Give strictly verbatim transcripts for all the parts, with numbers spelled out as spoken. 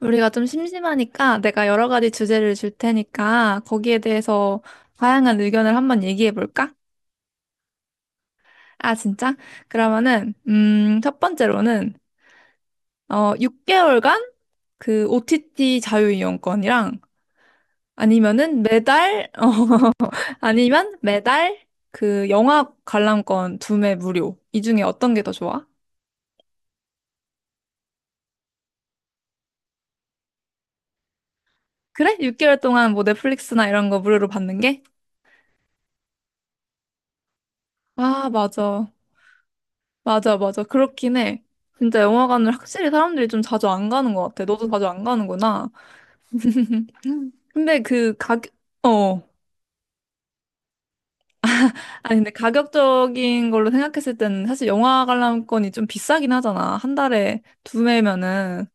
우리가 좀 심심하니까 내가 여러 가지 주제를 줄 테니까 거기에 대해서 다양한 의견을 한번 얘기해 볼까? 아, 진짜? 그러면은, 음, 첫 번째로는, 어, 육 개월간 그 오티티 자유이용권이랑 아니면은 매달, 어, 아니면 매달 그 영화 관람권 두 매 무료. 이 중에 어떤 게 더 좋아? 그래? 육 개월 동안 뭐 넷플릭스나 이런 거 무료로 받는 게? 아, 맞아. 맞아, 맞아. 그렇긴 해. 진짜 영화관을 확실히 사람들이 좀 자주 안 가는 것 같아. 너도 자주 안 가는구나. 음. 근데 그 가격, 어. 아니, 근데 가격적인 걸로 생각했을 때는 사실 영화 관람권이 좀 비싸긴 하잖아. 한 달에 두 매면은.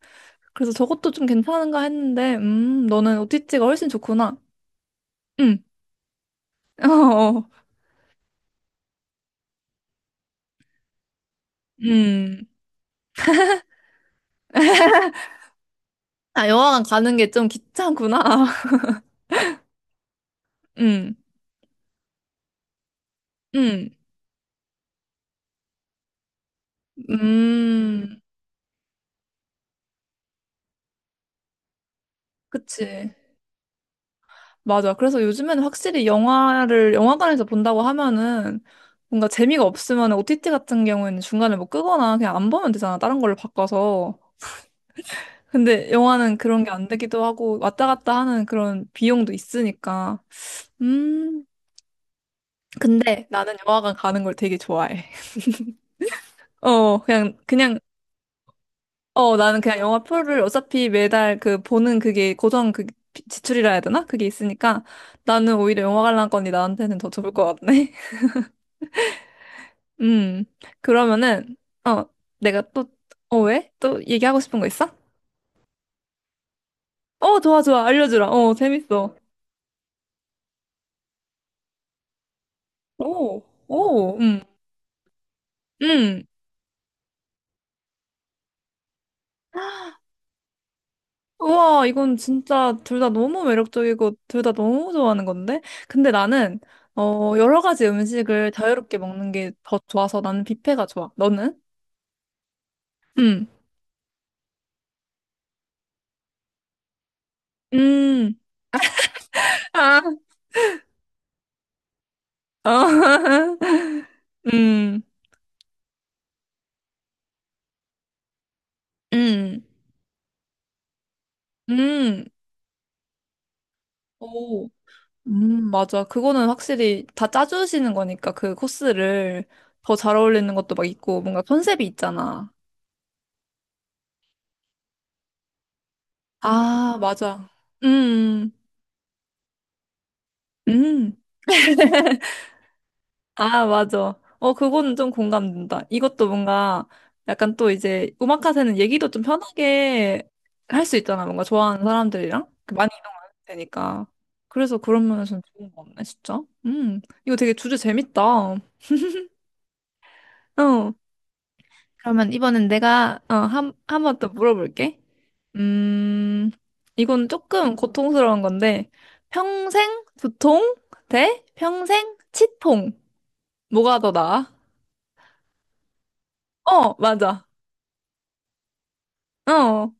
그래서 저것도 좀 괜찮은가 했는데, 음, 너는 오티티가 훨씬 좋구나. 응, 어, 어. 음. 아, 영화관 가는 게 좀 귀찮구나. 응, 응, 음. 음. 그치. 맞아. 그래서 요즘에는 확실히 영화를 영화관에서 본다고 하면은 뭔가 재미가 없으면 오티티 같은 경우에는 중간에 뭐 끄거나 그냥 안 보면 되잖아. 다른 걸로 바꿔서. 근데 영화는 그런 게 안 되기도 하고 왔다 갔다 하는 그런 비용도 있으니까. 음. 근데 나는 영화관 가는 걸 되게 좋아해. 어, 그냥 그냥 어, 나는 그냥 영화 표를 어차피 매달 그 보는 그게 고정 그 지출이라 해야 되나? 그게 있으니까 나는 오히려 영화 관람권이 나한테는 더 좋을 것 같네. 음, 그러면은, 어, 내가 또, 어, 왜? 또 얘기하고 싶은 거 있어? 어, 좋아, 좋아. 알려주라. 어, 재밌어. 오, 오, 음, 음. 우와, 이건 진짜 둘 다 너무 매력적이고 둘 다 너무 좋아하는 건데? 근데 나는, 어, 여러 가지 음식을 자유롭게 먹는 게 더 좋아서 나는 뷔페가 좋아. 너는? 음, 음, 아, 어, 음, 음, 음, 오. 음, 맞아. 그거는 확실히 다 짜주시는 거니까 그 코스를 더 잘 어울리는 것도 막 있고 뭔가 컨셉이 있잖아. 아, 맞아. 음, 음. 음. 아, 맞아. 어, 그거는 좀 공감된다. 이것도 뭔가 약간 또 이제 음악 카세는 얘기도 좀 편하게 할 수 있잖아. 뭔가 좋아하는 사람들이랑 그 많이 이동하면 되니까. 그래서 그런 면에서는 좋은 거 같네, 진짜. 음, 이거 되게 주제 재밌다. 어. 그러면 이번엔 내가 어, 한, 한 번 더 물어볼게. 음, 이건 조금 고통스러운 건데, 평생 두통 대 평생 치통. 뭐가 더 나아? 어, 맞아. 어.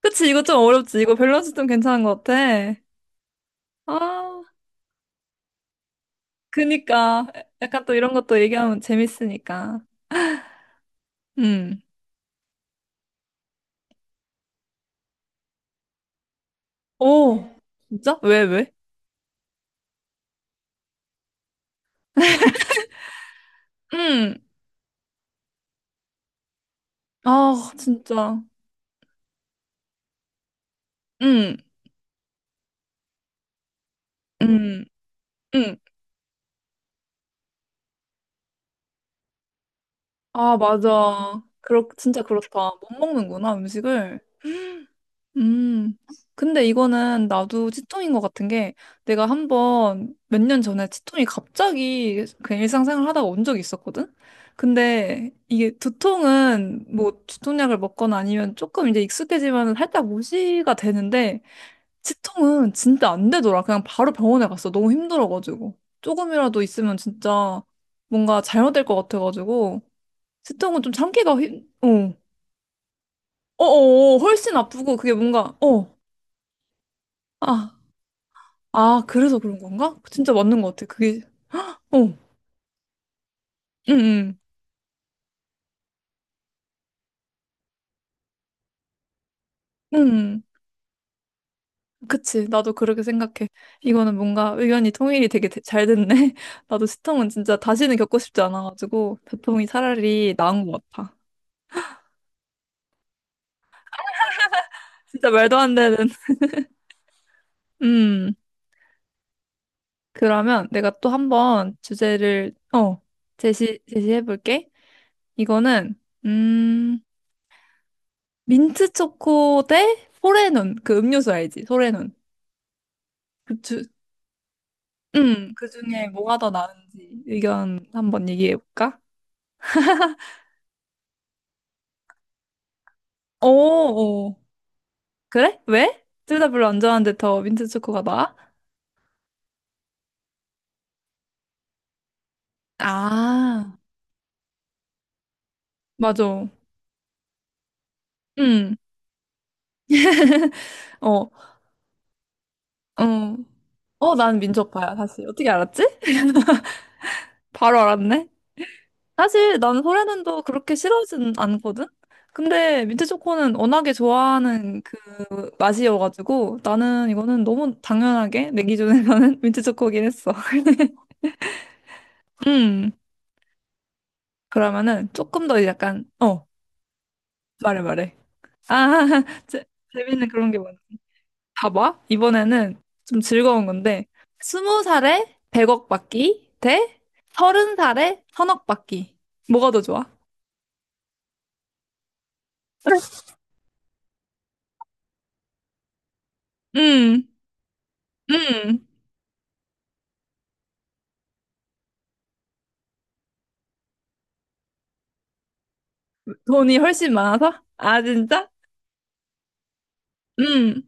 그치, 이거 좀 어렵지. 이거 밸런스 좀 괜찮은 것 같아. 아, 그니까. 약간 또 이런 것도 얘기하면 재밌으니까. 음. 오, 진짜? 왜, 왜? 음. 아, 진짜. 음, 음, 음. 아, 맞아. 그렇, 진짜 그렇다. 못 먹는구나, 음식을. 음, 근데 이거는 나도 치통인 것 같은 게 내가 한번 몇 년 전에 치통이 갑자기 그냥 일상생활 하다가 온 적이 있었거든? 근데 이게 두통은 뭐 두통약을 먹거나 아니면 조금 이제 익숙해지면 살짝 무시가 되는데 치통은 진짜 안 되더라. 그냥 바로 병원에 갔어. 너무 힘들어가지고. 조금이라도 있으면 진짜 뭔가 잘못될 것 같아가지고 치통은 좀 참기가 힘, 어. 어어어, 훨씬 아프고 그게 뭔가, 어. 아, 아, 그래서 그런 건가? 진짜 맞는 것 같아. 그게, 어, 응, 응, 응. 응. 그치. 나도 그렇게 생각해. 이거는 뭔가 의견이 통일이 되게 되- 잘 됐네. 나도 시통은 진짜 다시는 겪고 싶지 않아가지고, 두통이 차라리 나은 것 같아. 진짜 말도 안 되는. 음, 그러면 내가 또 한번 주제를, 어, 제시, 제시해볼게. 이거는, 음, 민트 초코 대 포레눈. 그 음료수 알지? 소레눈. 그 주, 음, 그 중에 뭐가 더 나은지 의견 한번 얘기해 볼까? 오오, 그래? 왜? 둘 다 별로 안 좋아하는데 더 민트 초코가 나아? 아, 맞아. 음, 어, 어, 어, 난 민초파야, 사실. 어떻게 알았지? 바로 알았네. 사실 난 소래는도 그렇게 싫어하진 않거든? 근데 민트초코는 워낙에 좋아하는 그 맛이어가지고 나는 이거는 너무 당연하게 내 기준에서는 민트초코긴 했어. 그러면은 조금 더 약간 어 말해 말해. 아, 재, 재밌는 그런 게 많아. 봐봐, 이번에는 좀 즐거운 건데 스무 살에 백억 받기 대 서른 살에 천억 받기, 뭐가 더 좋아? 음, 음. 돈이 훨씬 많아서? 아, 진짜? 음,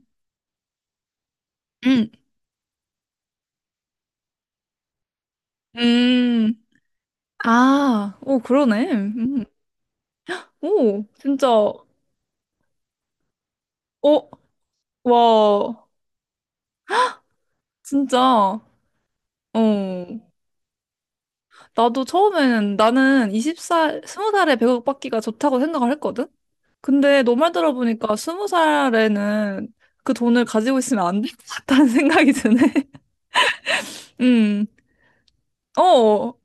음, 음. 아, 오, 그러네. 음. 오, 진짜. 오, 와, 진짜. 어. 나도 처음에는 나는 스무 살 스무 살에 백억 받기가 좋다고 생각을 했거든? 근데 너 말 들어보니까 스무 살에는 그 돈을 가지고 있으면 안 될 것 같다는 생각이 드네. 음, 어,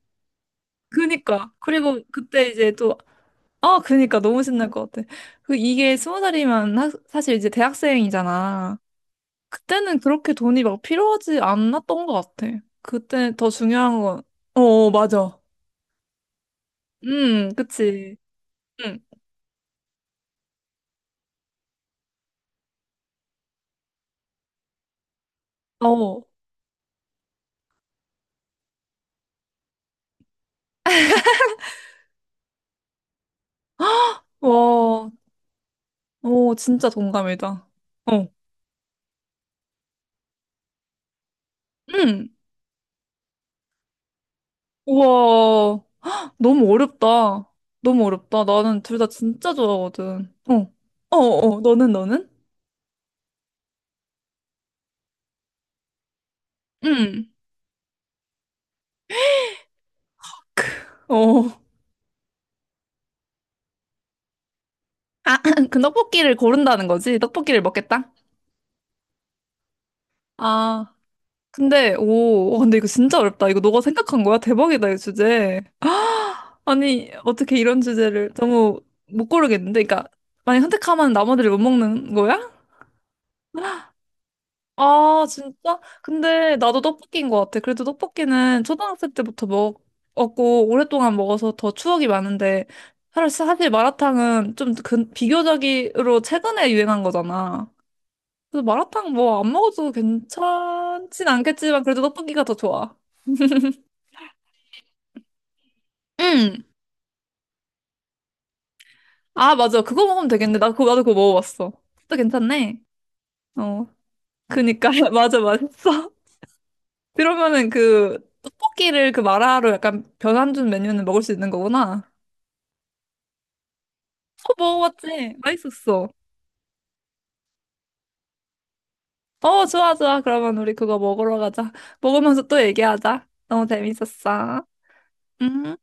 그니까. 그리고 그때 이제 또, 아, 그니까 너무 신날 것 같아. 그 이게 스무 살이면 하, 사실 이제 대학생이잖아. 그때는 그렇게 돈이 막 필요하지 않았던 것 같아. 그때 더 중요한 건, 어, 맞아. 음, 그치. 응. 어. 와, 오, 진짜 동감이다. 어. 응. 우와. 너무 어렵다. 너무 어렵다. 나는 둘 다 진짜 좋아하거든. 어. 어, 어. 너는, 너는? 응. 어. 아, 그 떡볶이를 고른다는 거지? 떡볶이를 먹겠다? 아. 근데, 오. 와, 근데 이거 진짜 어렵다. 이거 너가 생각한 거야? 대박이다, 이 주제. 아니, 어떻게 이런 주제를. 너무 못 고르겠는데? 그러니까, 만약 선택하면 나머지를 못 먹는 거야? 아, 진짜? 근데 나도 떡볶이인 것 같아. 그래도 떡볶이는 초등학생 때부터 먹었고, 오랫동안 먹어서 더 추억이 많은데, 사실 사실 마라탕은 좀 근- 비교적으로 최근에 유행한 거잖아. 그래서 마라탕 뭐 안 먹어도 괜찮진 않겠지만, 그래도 떡볶이가 더 좋아. 응! 아, 맞아. 그거 먹으면 되겠네. 나 그거, 나도 그거 먹어봤어. 또 괜찮네. 어. 그니까. 맞아, 맛있어. 그러면은 그, 떡볶이를 그 마라로 약간 변환 준 메뉴는 먹을 수 있는 거구나. 어, 먹어봤지? 맛있었어. 어, 좋아, 좋아. 그러면 우리 그거 먹으러 가자. 먹으면서 또 얘기하자. 너무 재밌었어. 음.